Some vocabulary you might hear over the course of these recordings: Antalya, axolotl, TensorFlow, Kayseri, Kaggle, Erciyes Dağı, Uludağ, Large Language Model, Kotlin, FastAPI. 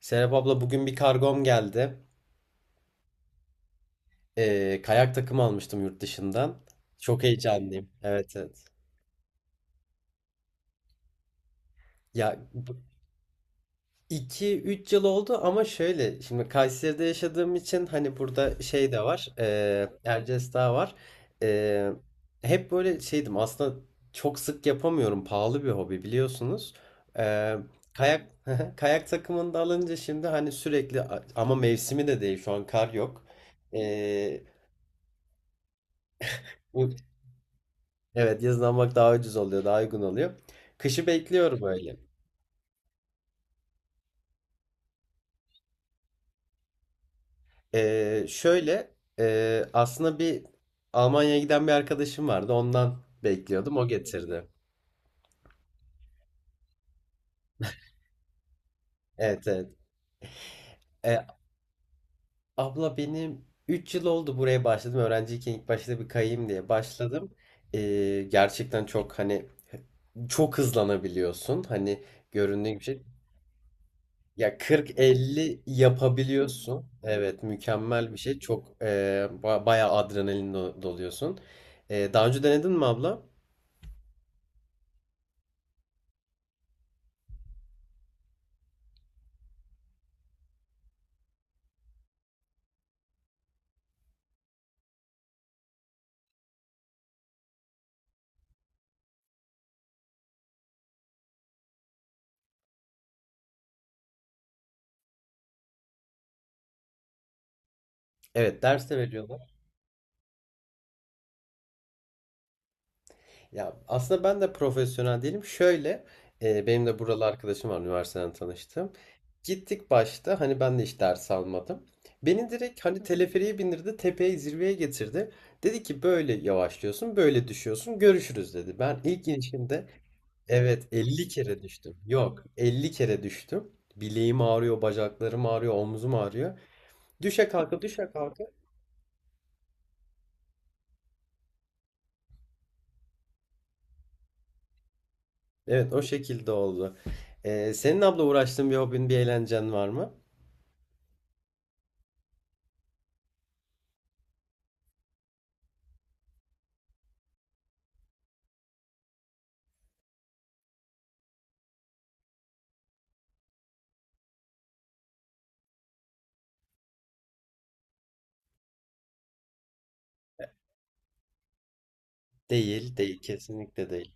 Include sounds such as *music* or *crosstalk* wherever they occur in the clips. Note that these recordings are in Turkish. Serap abla bugün bir kargom geldi. Kayak takımı almıştım yurt dışından. Çok heyecanlıyım. Evet, evet. Ya iki üç yıl oldu, ama şöyle, şimdi Kayseri'de yaşadığım için, hani burada şey de var. Erciyes Dağı var. Ee, hep böyle şeydim aslında, çok sık yapamıyorum. Pahalı bir hobi, biliyorsunuz. Ee, kayak *laughs* kayak takımını da alınca şimdi hani sürekli, ama mevsimi de değil, şu an kar yok. Ee, Evet, yazın almak daha ucuz oluyor, daha uygun oluyor. Kışı bekliyorum öyle. Şöyle, aslında bir Almanya'ya giden bir arkadaşım vardı. Ondan bekliyordum. O getirdi. Evet, evet. E, abla, benim 3 yıl oldu buraya başladım. Öğrenciyken ilk başta bir kayayım diye başladım. Gerçekten çok, hani, çok hızlanabiliyorsun. Hani göründüğü gibi şey. Ya 40-50 yapabiliyorsun. Evet, mükemmel bir şey. Çok, bayağı adrenalin doluyorsun. Daha önce denedin mi abla? Evet, ders de veriyorlar. Ya aslında ben de profesyonel değilim. Şöyle, benim de buralı arkadaşım var, üniversiteden tanıştım. Gittik, başta hani ben de hiç ders almadım. Beni direkt hani teleferiğe bindirdi, tepeye, zirveye getirdi. Dedi ki böyle yavaşlıyorsun, böyle düşüyorsun, görüşürüz dedi. Ben ilk inişimde, evet, 50 kere düştüm. Yok, 50 kere düştüm. Bileğim ağrıyor, bacaklarım ağrıyor, omzum ağrıyor. Düşe kalka, düşe kalka. Evet, o şekilde oldu. Senin abla uğraştığın bir hobin, bir eğlencen var mı? Değil, değil. Kesinlikle değil.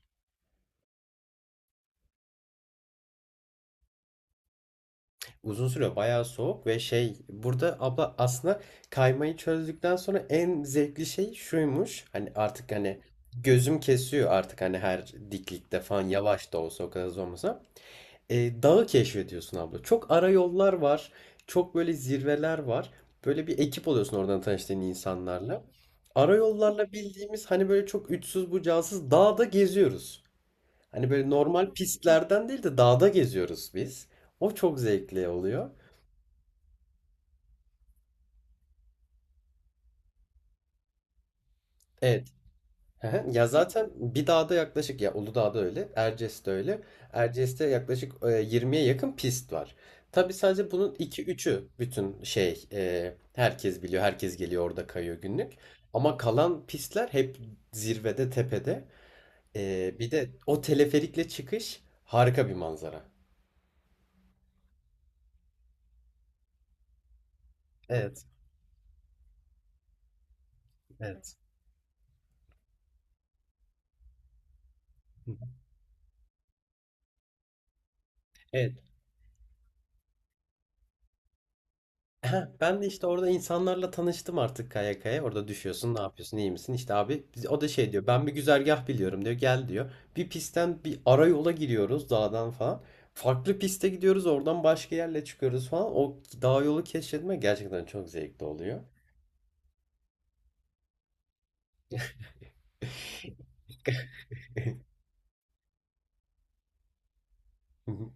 Uzun süre bayağı soğuk ve şey burada abla, aslında kaymayı çözdükten sonra en zevkli şey şuymuş. Hani artık, hani gözüm kesiyor artık, hani her diklikte falan, yavaş da olsa, o kadar hızlı olmasa. Dağı keşfediyorsun abla. Çok ara yollar var. Çok böyle zirveler var. Böyle bir ekip oluyorsun oradan tanıştığın insanlarla. Ara yollarla, bildiğimiz hani, böyle çok uçsuz bucağısız dağda geziyoruz. Hani böyle normal pistlerden değil de dağda geziyoruz biz. O çok zevkli oluyor. Evet, ya zaten bir dağda yaklaşık, ya Uludağ'da öyle, Erciyes'te öyle. Erciyes'te yaklaşık, 20'ye yakın pist var. Tabii sadece bunun iki üçü, bütün şey, herkes biliyor, herkes geliyor, orada kayıyor günlük. Ama kalan pistler hep zirvede, tepede. Bir de o teleferikle çıkış, harika bir manzara. Evet, evet. *laughs* Evet. *clears throat* Ben de işte orada insanlarla tanıştım artık, kaya kaya. Orada düşüyorsun, ne yapıyorsun, iyi misin? İşte abi, o da şey diyor. Ben bir güzergah biliyorum diyor. Gel diyor. Bir pistten bir ara yola giriyoruz dağdan falan. Farklı piste gidiyoruz. Oradan başka yerle çıkıyoruz falan. O dağ yolu keşfetme gerçekten çok zevkli oluyor. Hı hı.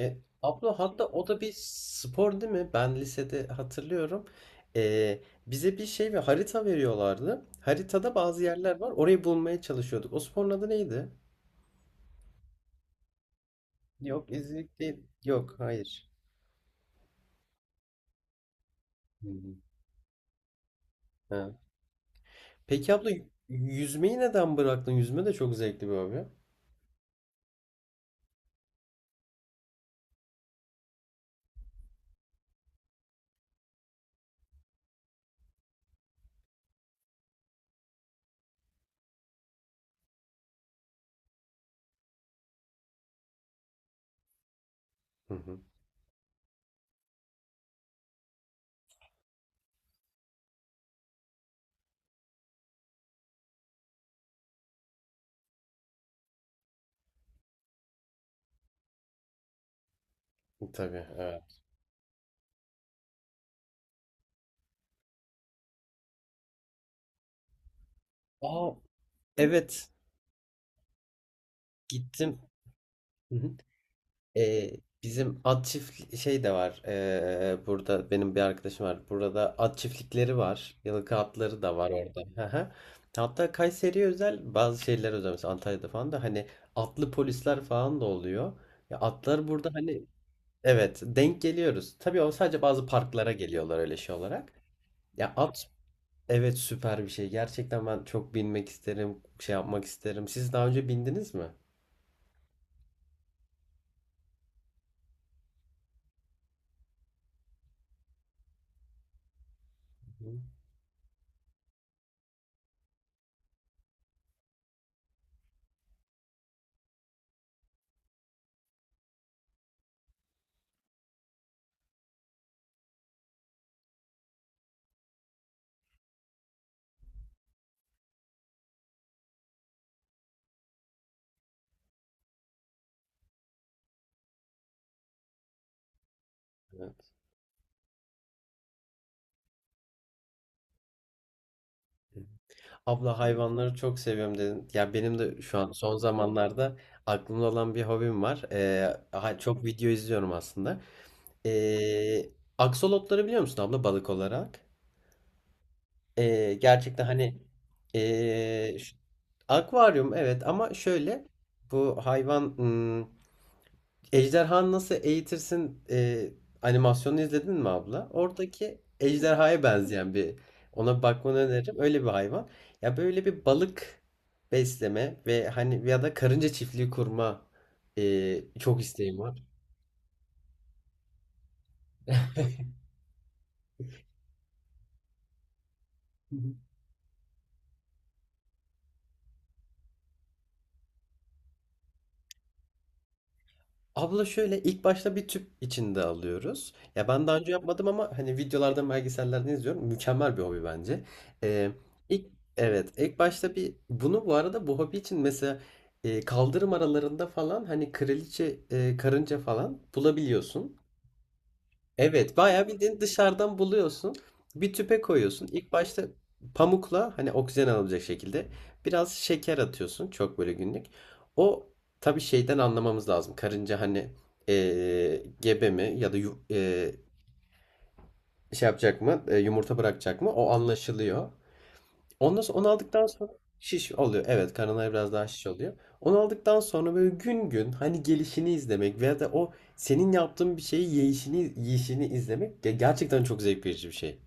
E, abla, hatta o da bir spor değil mi? Ben lisede hatırlıyorum. E, bize bir şey ve harita veriyorlardı. Haritada bazı yerler var. Orayı bulmaya çalışıyorduk. O sporun adı neydi? Yok, izcilik değil. Yok, hayır. Hı hı. Ha. Peki abla, yüzmeyi neden bıraktın? Yüzme de çok zevkli bir hobi. Hı hı. Tabii, evet. Aa, evet, gittim. Hı hı. Ee, bizim at çift şey de var. Burada benim bir arkadaşım var. Burada at çiftlikleri var. Yıllık atları da var orada. Hı hı. Hatta Kayseri'ye özel bazı şeyler özel. Mesela Antalya'da falan da hani atlı polisler falan da oluyor. Ya atlar burada hani, evet, denk geliyoruz. Tabii o sadece bazı parklara geliyorlar, öyle şey olarak. Ya at, evet, süper bir şey. Gerçekten ben çok binmek isterim, şey yapmak isterim. Siz daha önce bindiniz mi? Hı, evet. Abla, hayvanları çok seviyorum dedin. Ya benim de şu an son zamanlarda aklımda olan bir hobim var. Çok video izliyorum aslında. Ee, aksolotları biliyor musun abla, balık olarak? Gerçekten, hani, ee, akvaryum, evet, ama şöyle bu hayvan, ejderhanı nasıl eğitirsin, animasyonu izledin mi abla? Oradaki ejderhaya benzeyen bir, ona bir bakmanı öneririm. Öyle bir hayvan. Ya böyle bir balık besleme ve hani, ya da karınca çiftliği kurma, çok isteğim var. *laughs* Abla, şöyle, ilk başta bir tüp içinde alıyoruz. Ya ben daha önce yapmadım, ama hani videolardan, belgesellerden izliyorum. Mükemmel bir hobi bence. Ee, ilk, evet, ilk başta bir bunu, bu arada, bu hobi için mesela, kaldırım aralarında falan hani kraliçe, karınca falan bulabiliyorsun. Evet, bayağı bildiğin dışarıdan buluyorsun. Bir tüpe koyuyorsun. İlk başta pamukla, hani oksijen alabilecek şekilde, biraz şeker atıyorsun. Çok böyle günlük. O tabii şeyden anlamamız lazım. Karınca hani, gebe mi, ya da şey yapacak mı, yumurta bırakacak mı? O anlaşılıyor. Ondan sonra, onu aldıktan sonra şiş oluyor. Evet, karınları biraz daha şiş oluyor. Onu aldıktan sonra böyle gün gün hani gelişini izlemek, veya da o senin yaptığın bir şeyi yiyişini izlemek gerçekten çok zevk verici bir şey.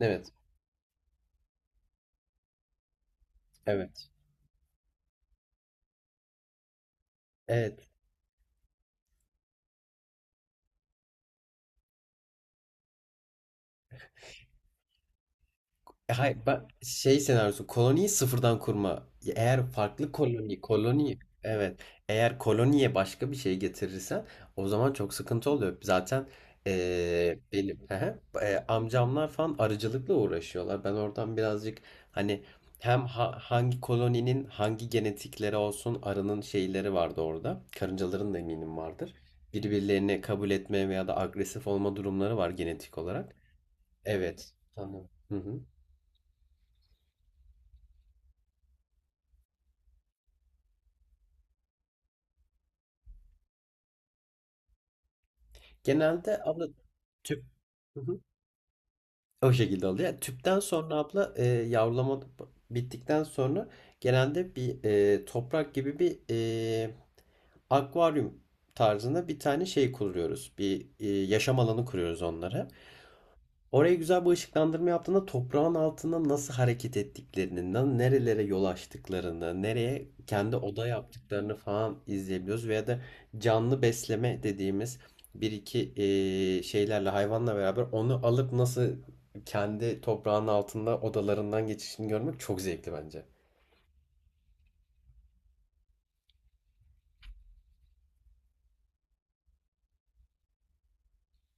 Evet. Evet. Evet. Hayır, ben şey senaryosu, koloniyi sıfırdan kurma. Eğer farklı koloni, evet, eğer koloniye başka bir şey getirirsen o zaman çok sıkıntı oluyor. Zaten, benim *laughs* amcamlar falan arıcılıkla uğraşıyorlar. Ben oradan birazcık, hani, hem hangi koloninin hangi genetikleri olsun, arının şeyleri vardı orada. Karıncaların da eminim vardır. Birbirlerini kabul etme veya da agresif olma durumları var, genetik olarak. Evet. Anlıyorum. Genelde abla, tüp, hı hı, o şekilde oluyor. Yani tüpten sonra abla, yavrulama bittikten sonra, genelde bir, toprak gibi bir, e, akvaryum tarzında bir tane şey kuruyoruz. Bir, yaşam alanı kuruyoruz onlara. Oraya güzel bir ışıklandırma yaptığında toprağın altında nasıl hareket ettiklerini, nerelere yol açtıklarını, nereye kendi oda yaptıklarını falan izleyebiliyoruz. Veya da canlı besleme dediğimiz bir iki şeylerle, hayvanla beraber onu alıp nasıl kendi toprağın altında odalarından geçişini görmek çok zevkli bence.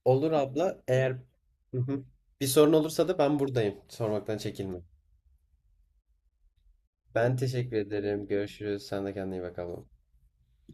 Olur abla, eğer, hı hı, bir sorun olursa da ben buradayım. Sormaktan çekinme. Ben teşekkür ederim. Görüşürüz. Sen de kendine iyi bak abla.